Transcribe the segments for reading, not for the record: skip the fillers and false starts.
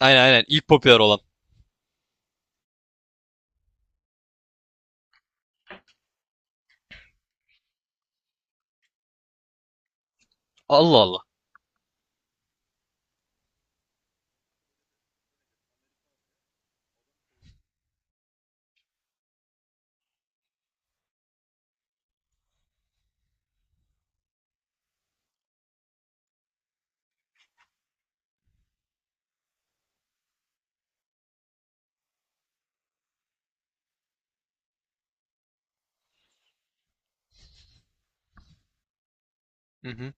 Aynen aynen ilk popüler olan. Allah Allah. Hı hı.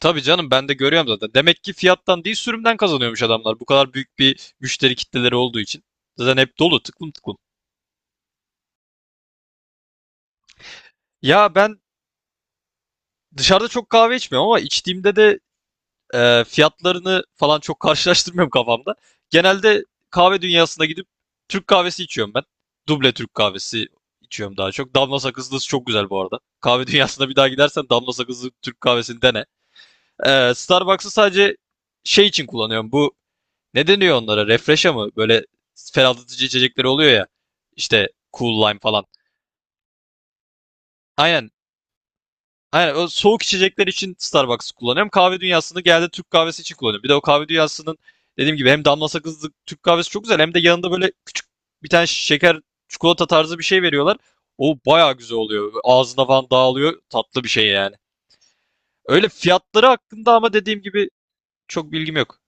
Tabii canım ben de görüyorum zaten. Demek ki fiyattan değil sürümden kazanıyormuş adamlar. Bu kadar büyük bir müşteri kitleleri olduğu için. Zaten hep dolu tıklım tıklım. Ya ben dışarıda çok kahve içmiyorum ama içtiğimde de fiyatlarını falan çok karşılaştırmıyorum kafamda. Genelde kahve dünyasına gidip Türk kahvesi içiyorum ben. Duble Türk kahvesi içiyorum daha çok. Damla sakızlısı çok güzel bu arada. Kahve dünyasına bir daha gidersen damla sakızlı Türk kahvesini dene. Starbucks'ı sadece şey için kullanıyorum. Bu ne deniyor onlara? Refresh'a mı? Böyle ferahlatıcı içecekleri oluyor ya. İşte Cool Lime falan. Aynen. Aynen. O soğuk içecekler için Starbucks'ı kullanıyorum. Kahve dünyasını geldi Türk kahvesi için kullanıyorum. Bir de o kahve dünyasının dediğim gibi hem damla sakızlı Türk kahvesi çok güzel hem de yanında böyle küçük bir tane şeker çikolata tarzı bir şey veriyorlar. O bayağı güzel oluyor. Ağzına falan dağılıyor. Tatlı bir şey yani. Öyle fiyatları hakkında ama dediğim gibi çok bilgim yok.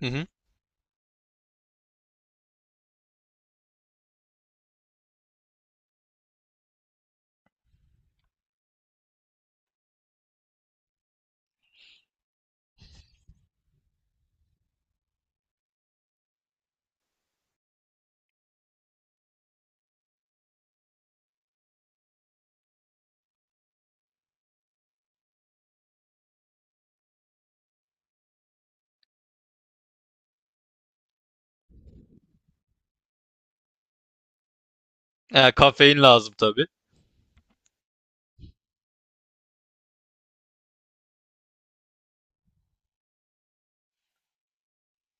Hı hı. E, kafein lazım tabii.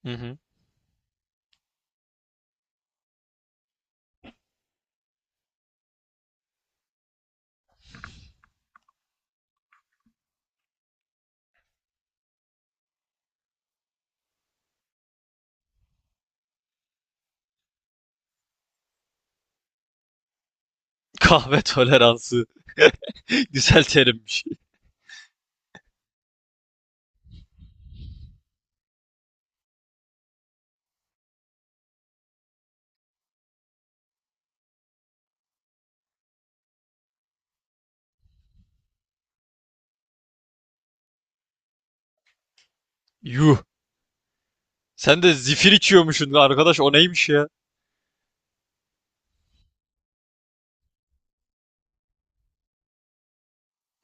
Hı hı. Kahve toleransı. Güzel terimmiş. Yuh. Sen de zifir içiyormuşsun arkadaş o neymiş ya?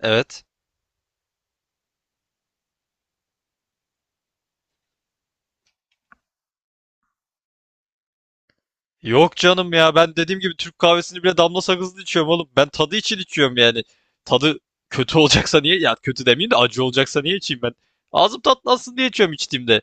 Evet. Yok canım ya ben dediğim gibi Türk kahvesini bile damla sakızlı içiyorum oğlum. Ben tadı için içiyorum yani. Tadı kötü olacaksa niye? Ya kötü demeyeyim de acı olacaksa niye içeyim ben? Ağzım tatlansın diye içiyorum içtiğimde.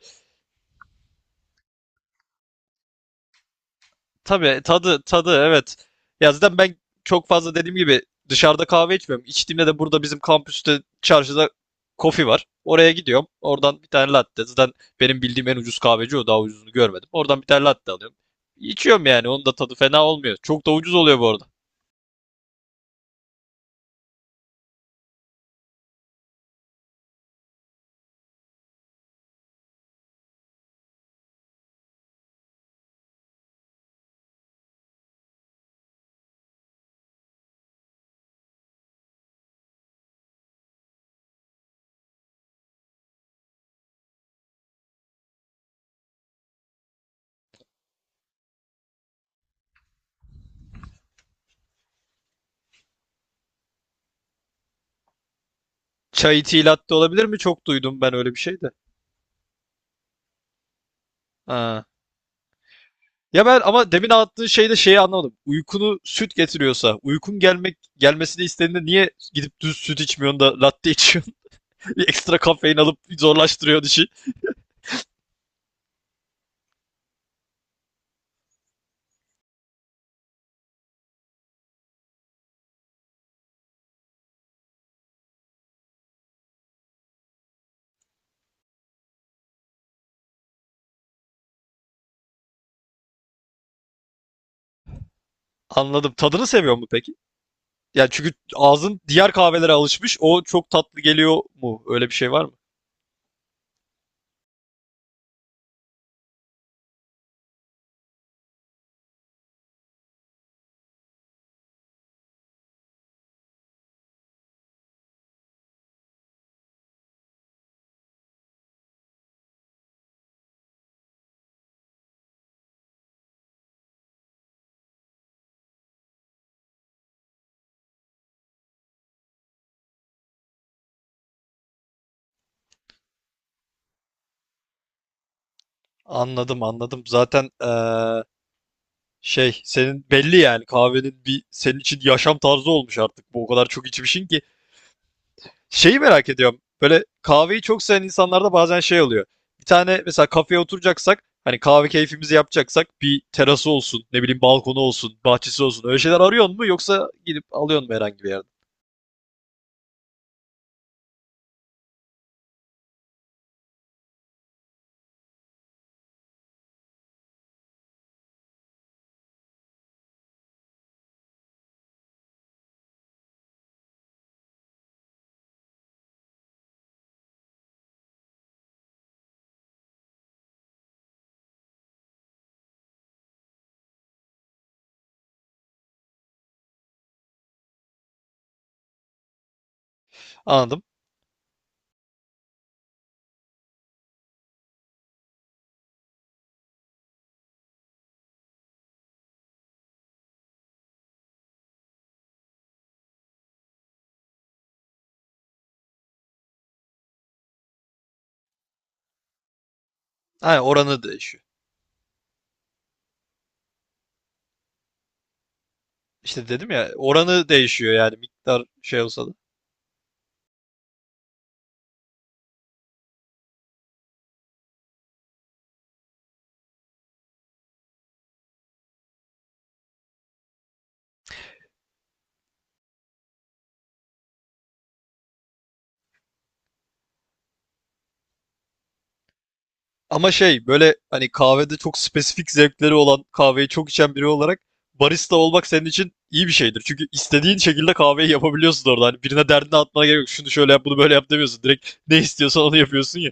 Tabii tadı tadı evet. Ya zaten ben çok fazla dediğim gibi dışarıda kahve içmiyorum. İçtiğimde de burada bizim kampüste çarşıda kofi var. Oraya gidiyorum. Oradan bir tane latte. Zaten benim bildiğim en ucuz kahveci o. Daha ucuzunu görmedim. Oradan bir tane latte alıyorum. İçiyorum yani. Onun da tadı fena olmuyor. Çok da ucuz oluyor bu arada. Çay tea latte olabilir mi? Çok duydum ben öyle bir şey de. Ha. Ya ben ama demin anlattığın şeyde şeyi anlamadım. Uykunu süt getiriyorsa, uykun gelmesini istediğinde niye gidip düz süt içmiyorsun da latte içiyorsun? Bir ekstra kafein alıp zorlaştırıyor dişi. Anladım. Tadını seviyor mu peki? Yani çünkü ağzın diğer kahvelere alışmış. O çok tatlı geliyor mu? Öyle bir şey var mı? Anladım, anladım. Zaten şey senin belli yani kahvenin bir senin için yaşam tarzı olmuş artık. Bu o kadar çok içmişsin ki. Şeyi merak ediyorum. Böyle kahveyi çok seven insanlarda bazen şey oluyor. Bir tane mesela kafeye oturacaksak hani kahve keyfimizi yapacaksak bir terası olsun, ne bileyim balkonu olsun, bahçesi olsun. Öyle şeyler arıyorsun mu yoksa gidip alıyorsun mu herhangi bir yerden? Anladım. Aynen oranı değişiyor. İşte dedim ya oranı değişiyor yani miktar şey olsa da. Ama şey böyle hani kahvede çok spesifik zevkleri olan kahveyi çok içen biri olarak barista olmak senin için iyi bir şeydir. Çünkü istediğin şekilde kahveyi yapabiliyorsun orada. Hani birine derdini atmana gerek yok. Şunu şöyle yap bunu böyle yap demiyorsun. Direkt ne istiyorsan onu yapıyorsun ya.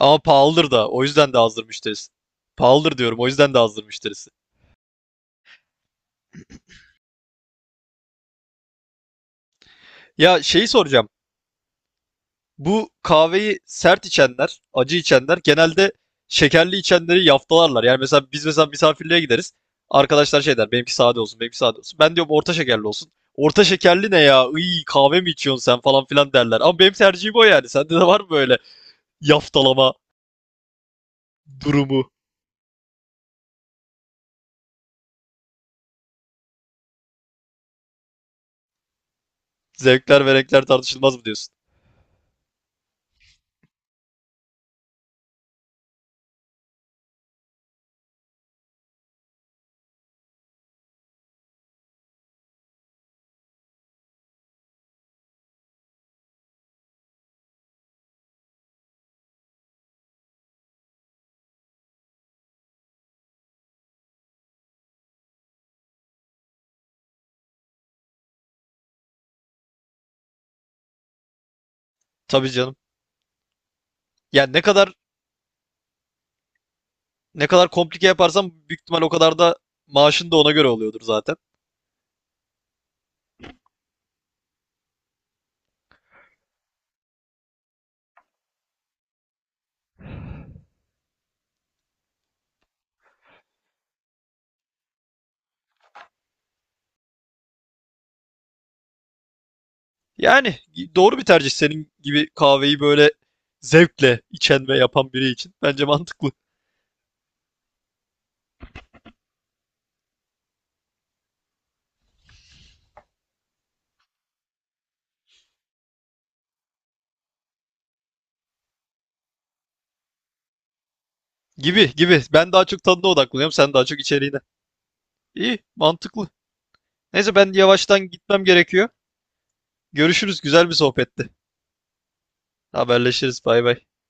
Ama pahalıdır da o yüzden de azdır müşterisi. Pahalıdır diyorum o yüzden de azdır müşterisi. Ya şeyi soracağım. Bu kahveyi sert içenler, acı içenler genelde şekerli içenleri yaftalarlar. Yani mesela biz mesela misafirliğe gideriz. Arkadaşlar şey der, benimki sade olsun, benimki sade olsun. Ben diyorum orta şekerli olsun. Orta şekerli ne ya? İyi kahve mi içiyorsun sen falan filan derler. Ama benim tercihim o yani. Sende de var mı böyle yaftalama durumu? Zevkler ve renkler tartışılmaz mı diyorsun? Tabii canım. Yani ne kadar komplike yaparsam büyük ihtimal o kadar da maaşın da ona göre oluyordur zaten. Yani doğru bir tercih senin gibi kahveyi böyle zevkle içen ve yapan biri için. Bence mantıklı. Gibi gibi. Ben daha çok tadına odaklanıyorum. Sen daha çok içeriğine. İyi, mantıklı. Neyse ben yavaştan gitmem gerekiyor. Görüşürüz. Güzel bir sohbetti. Haberleşiriz. Bay bay.